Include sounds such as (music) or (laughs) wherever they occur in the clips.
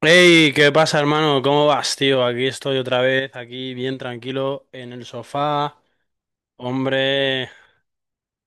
Hey, ¿qué pasa, hermano? ¿Cómo vas, tío? Aquí estoy otra vez, aquí bien tranquilo en el sofá. Hombre,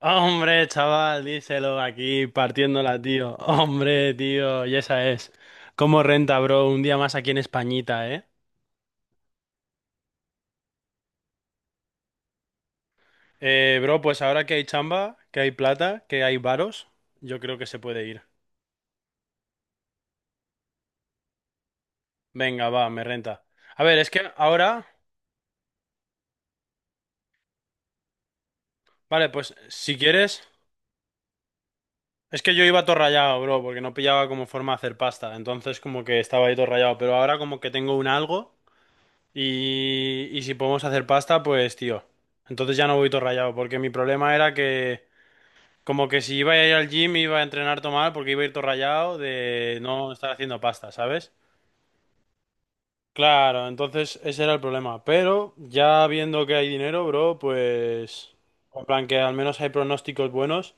hombre, chaval, díselo aquí partiéndola, tío. Hombre, tío, y esa es. ¿Cómo renta, bro? Un día más aquí en Españita, ¿eh? Bro, pues ahora que hay chamba, que hay plata, que hay varos, yo creo que se puede ir. Venga, va, me renta. A ver, es que ahora, vale, pues si quieres. Es que yo iba todo rayado, bro, porque no pillaba como forma de hacer pasta. Entonces como que estaba ahí todo rayado. Pero ahora como que tengo un algo y si podemos hacer pasta, pues tío. Entonces ya no voy todo rayado, porque mi problema era que como que si iba a ir al gym iba a entrenar todo mal porque iba a ir todo rayado de no estar haciendo pasta, ¿sabes? Claro, entonces ese era el problema. Pero ya viendo que hay dinero, bro, pues... En plan que al menos hay pronósticos buenos.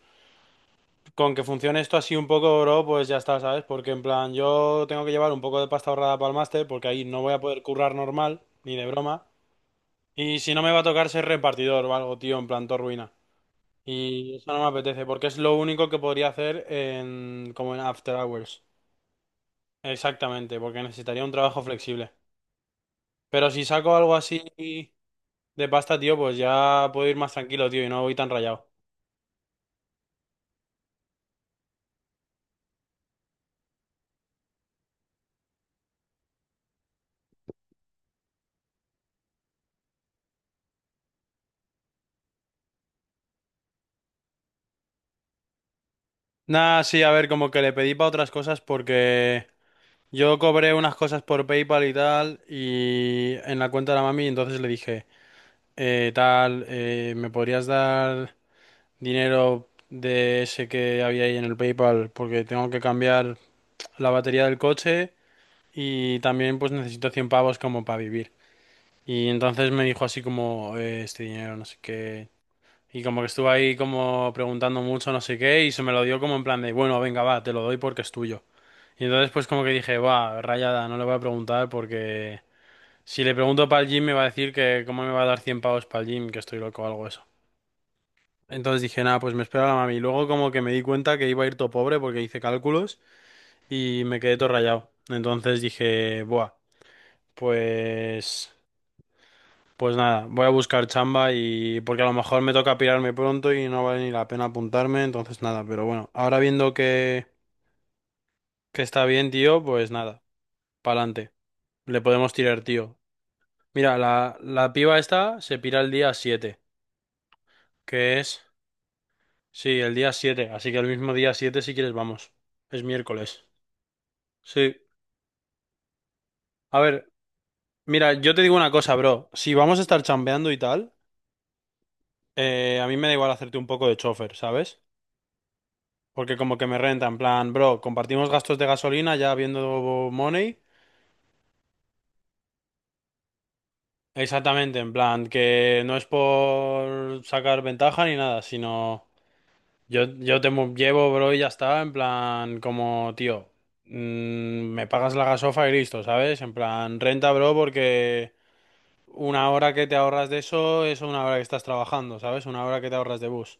Con que funcione esto así un poco, bro, pues ya está, ¿sabes? Porque en plan, yo tengo que llevar un poco de pasta ahorrada para el máster, porque ahí no voy a poder currar normal, ni de broma. Y si no me va a tocar ser repartidor o algo, tío, en plan, todo ruina. Y eso no me apetece, porque es lo único que podría hacer en, como en After Hours. Exactamente, porque necesitaría un trabajo flexible. Pero si saco algo así de pasta, tío, pues ya puedo ir más tranquilo, tío, y no voy tan rayado. Nah, sí, a ver, como que le pedí para otras cosas porque... Yo cobré unas cosas por PayPal y tal, y en la cuenta de la mami, entonces le dije, tal, ¿me podrías dar dinero de ese que había ahí en el PayPal? Porque tengo que cambiar la batería del coche y también pues necesito 100 pavos como para vivir. Y entonces me dijo así como, este dinero, no sé qué. Y como que estuve ahí como preguntando mucho, no sé qué, y se me lo dio como en plan de, bueno, venga, va, te lo doy porque es tuyo. Y entonces pues como que dije, va, rayada, no le voy a preguntar porque si le pregunto para el gym me va a decir que cómo me va a dar 100 pavos para el gym, que estoy loco o algo eso. Entonces dije, nada, pues me espero a la mami. Y luego como que me di cuenta que iba a ir todo pobre porque hice cálculos y me quedé todo rayado. Entonces dije, buah, pues... Pues nada, voy a buscar chamba y porque a lo mejor me toca pirarme pronto y no vale ni la pena apuntarme, entonces nada, pero bueno, ahora viendo que está bien, tío, pues nada, pa'lante, le podemos tirar, tío. Mira, la piba esta se pira el día 7, que es, sí, el día 7, así que el mismo día 7 si quieres vamos, es miércoles. Sí, a ver, mira, yo te digo una cosa, bro, si vamos a estar chambeando y tal, a mí me da igual hacerte un poco de chofer, ¿sabes? Porque como que me renta, en plan, bro, compartimos gastos de gasolina ya viendo Money. Exactamente, en plan, que no es por sacar ventaja ni nada, sino yo te llevo, bro, y ya está, en plan, como, tío, mm, me pagas la gasofa y listo, ¿sabes? En plan, renta, bro, porque una hora que te ahorras de eso es una hora que estás trabajando, ¿sabes? Una hora que te ahorras de bus.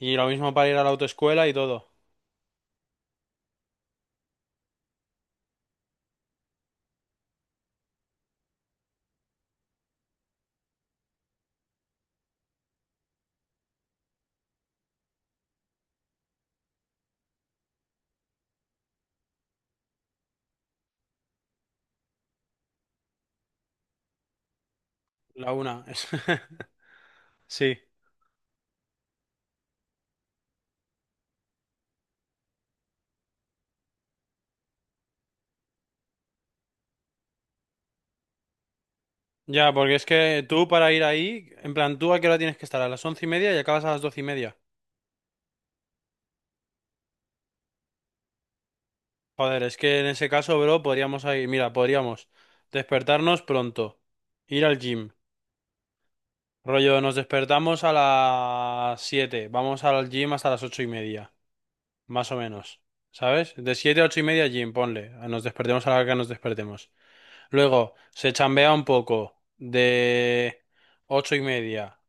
Y lo mismo para ir a la autoescuela y todo. La una. (laughs) Sí. Ya, porque es que tú para ir ahí, en plan, ¿tú a qué hora tienes que estar? A las 11:30 y acabas a las 12:30. Joder, es que en ese caso, bro, podríamos ir. Mira, podríamos despertarnos pronto, ir al gym. Rollo, nos despertamos a las 7, vamos al gym hasta las 8:30, más o menos. ¿Sabes? De 7 a 8:30 gym, ponle. Nos despertemos a la hora que nos despertemos. Luego, se chambea un poco de 8:30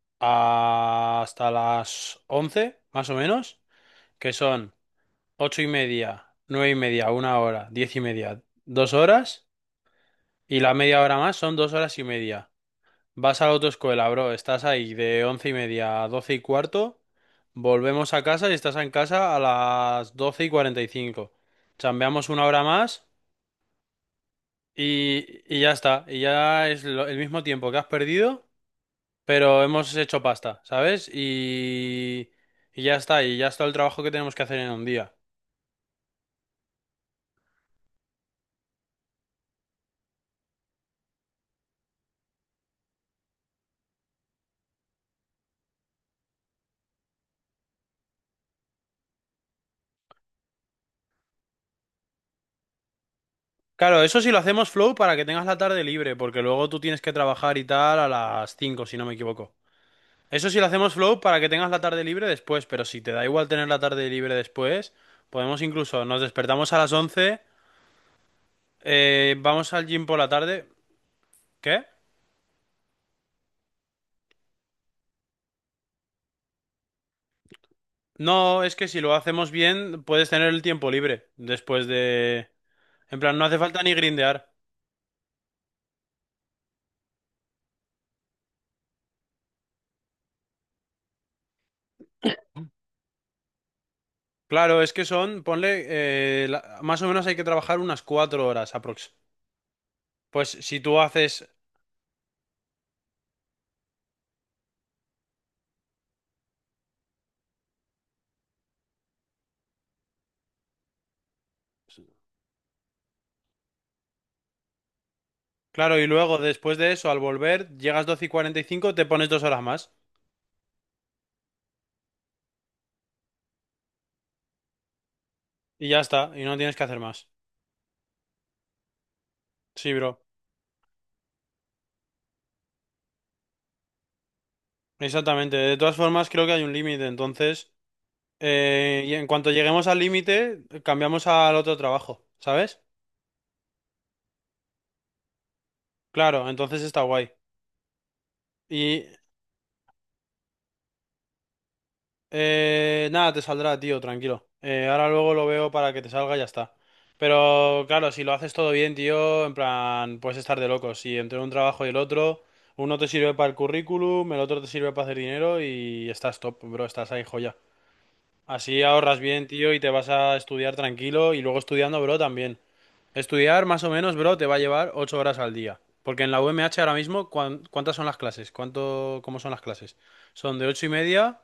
hasta las 11, más o menos. Que son 8:30, 9:30, una hora, 10:30, 2 horas, y la media hora más son 2 horas y media. Vas a la autoescuela, bro, estás ahí de 11:30 a 12:15, volvemos a casa y estás en casa a las 12:45. Chambeamos una hora más y, y ya está, y ya es lo- el mismo tiempo que has perdido, pero hemos hecho pasta, ¿sabes? Y ya está el trabajo que tenemos que hacer en un día. Claro, eso sí lo hacemos flow para que tengas la tarde libre, porque luego tú tienes que trabajar y tal a las 5 si no me equivoco. Eso sí lo hacemos flow para que tengas la tarde libre después, pero si te da igual tener la tarde libre después, podemos incluso, nos despertamos a las 11, vamos al gym por la tarde. ¿Qué? No, es que si lo hacemos bien, puedes tener el tiempo libre después de... En plan, no hace falta ni grindear. Claro, es que son, ponle, más o menos hay que trabajar unas 4 horas aprox. Pues si tú haces... Claro, y luego después de eso, al volver, llegas 12:45 te pones 2 horas más. Y ya está, y no tienes que hacer más. Sí, bro. Exactamente. De todas formas, creo que hay un límite. Entonces, y en cuanto lleguemos al límite, cambiamos al otro trabajo, ¿sabes? Claro, entonces está guay. Y nada, te saldrá, tío, tranquilo. Ahora luego lo veo para que te salga y ya está. Pero claro, si lo haces todo bien, tío, en plan, puedes estar de locos. Si entre un trabajo y el otro, uno te sirve para el currículum, el otro te sirve para hacer dinero y estás top, bro, estás ahí joya. Así ahorras bien, tío, y te vas a estudiar tranquilo y luego estudiando, bro, también. Estudiar más o menos, bro, te va a llevar 8 horas al día. Porque en la UMH ahora mismo, ¿cuántas son las clases? ¿Cuánto, cómo son las clases? Son de 8:30.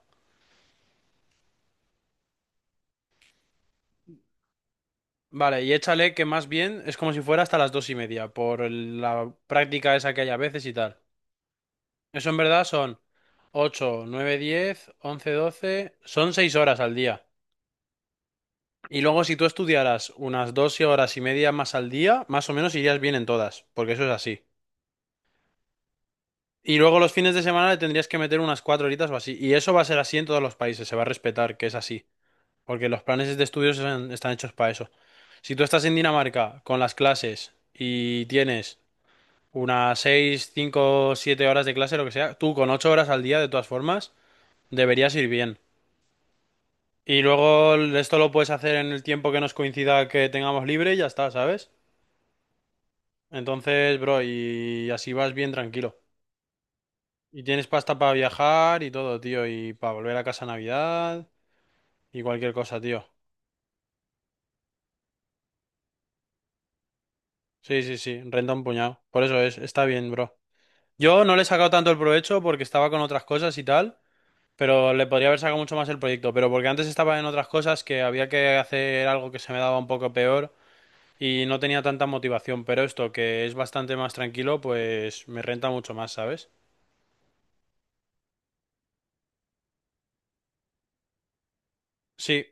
Vale, y échale que más bien es como si fuera hasta las 2:30, por la práctica esa que hay a veces y tal. Eso en verdad son 8 9 10 11 12 son 6 horas al día. Y luego si tú estudiaras unas 12 horas y media más al día, más o menos irías bien en todas, porque eso es así. Y luego los fines de semana le tendrías que meter unas 4 horitas o así. Y eso va a ser así en todos los países, se va a respetar que es así, porque los planes de estudios están hechos para eso. Si tú estás en Dinamarca con las clases y tienes... Unas 6 5 7 horas de clase, lo que sea, tú con 8 horas al día, de todas formas, deberías ir bien. Y luego esto lo puedes hacer en el tiempo que nos coincida que tengamos libre y ya está, ¿sabes? Entonces, bro, y así vas bien tranquilo. Y tienes pasta para viajar y todo, tío, y para volver a casa a Navidad y cualquier cosa, tío. Sí, sí, sí, renta un puñado. Por eso es, está bien, bro. Yo no le he sacado tanto el provecho porque estaba con otras cosas y tal. Pero le podría haber sacado mucho más el proyecto, pero porque antes estaba en otras cosas que había que hacer algo que se me daba un poco peor y no tenía tanta motivación, pero esto que es bastante más tranquilo, pues me renta mucho más, ¿sabes? Sí,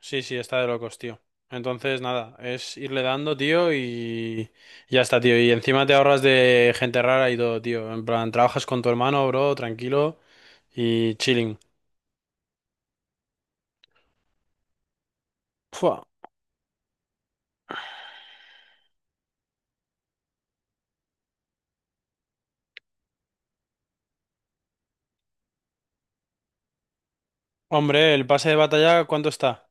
sí, sí, está de locos, tío. Entonces, nada, es irle dando, tío, y ya está, tío. Y encima te ahorras de gente rara y todo, tío. En plan, trabajas con tu hermano, bro, tranquilo y chilling. Fua. Hombre, el pase de batalla, ¿cuánto está?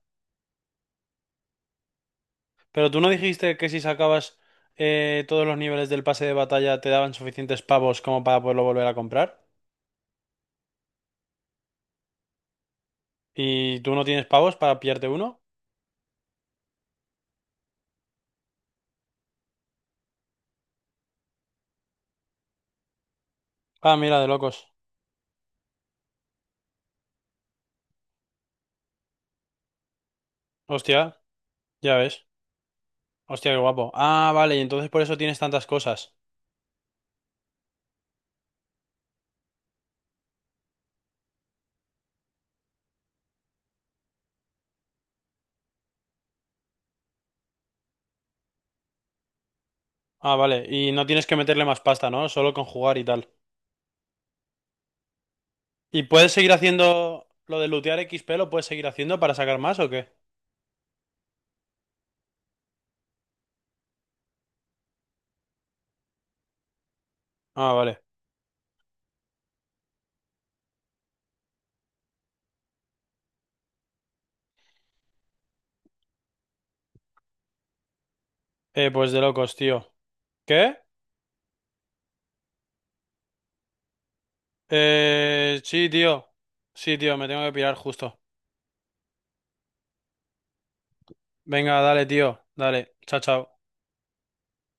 Pero tú no dijiste que si sacabas todos los niveles del pase de batalla te daban suficientes pavos como para poderlo volver a comprar. ¿Y tú no tienes pavos para pillarte uno? Ah, mira, de locos. Hostia, ya ves. Hostia, qué guapo. Ah, vale, y entonces por eso tienes tantas cosas. Ah, vale, y no tienes que meterle más pasta, ¿no? Solo con jugar y tal. ¿Y puedes seguir haciendo lo de lootear XP? ¿Lo puedes seguir haciendo para sacar más o qué? Ah, vale. Pues de locos, tío. ¿Qué? Sí, tío. Sí, tío, me tengo que pirar justo. Venga, dale, tío. Dale. Chao, chao.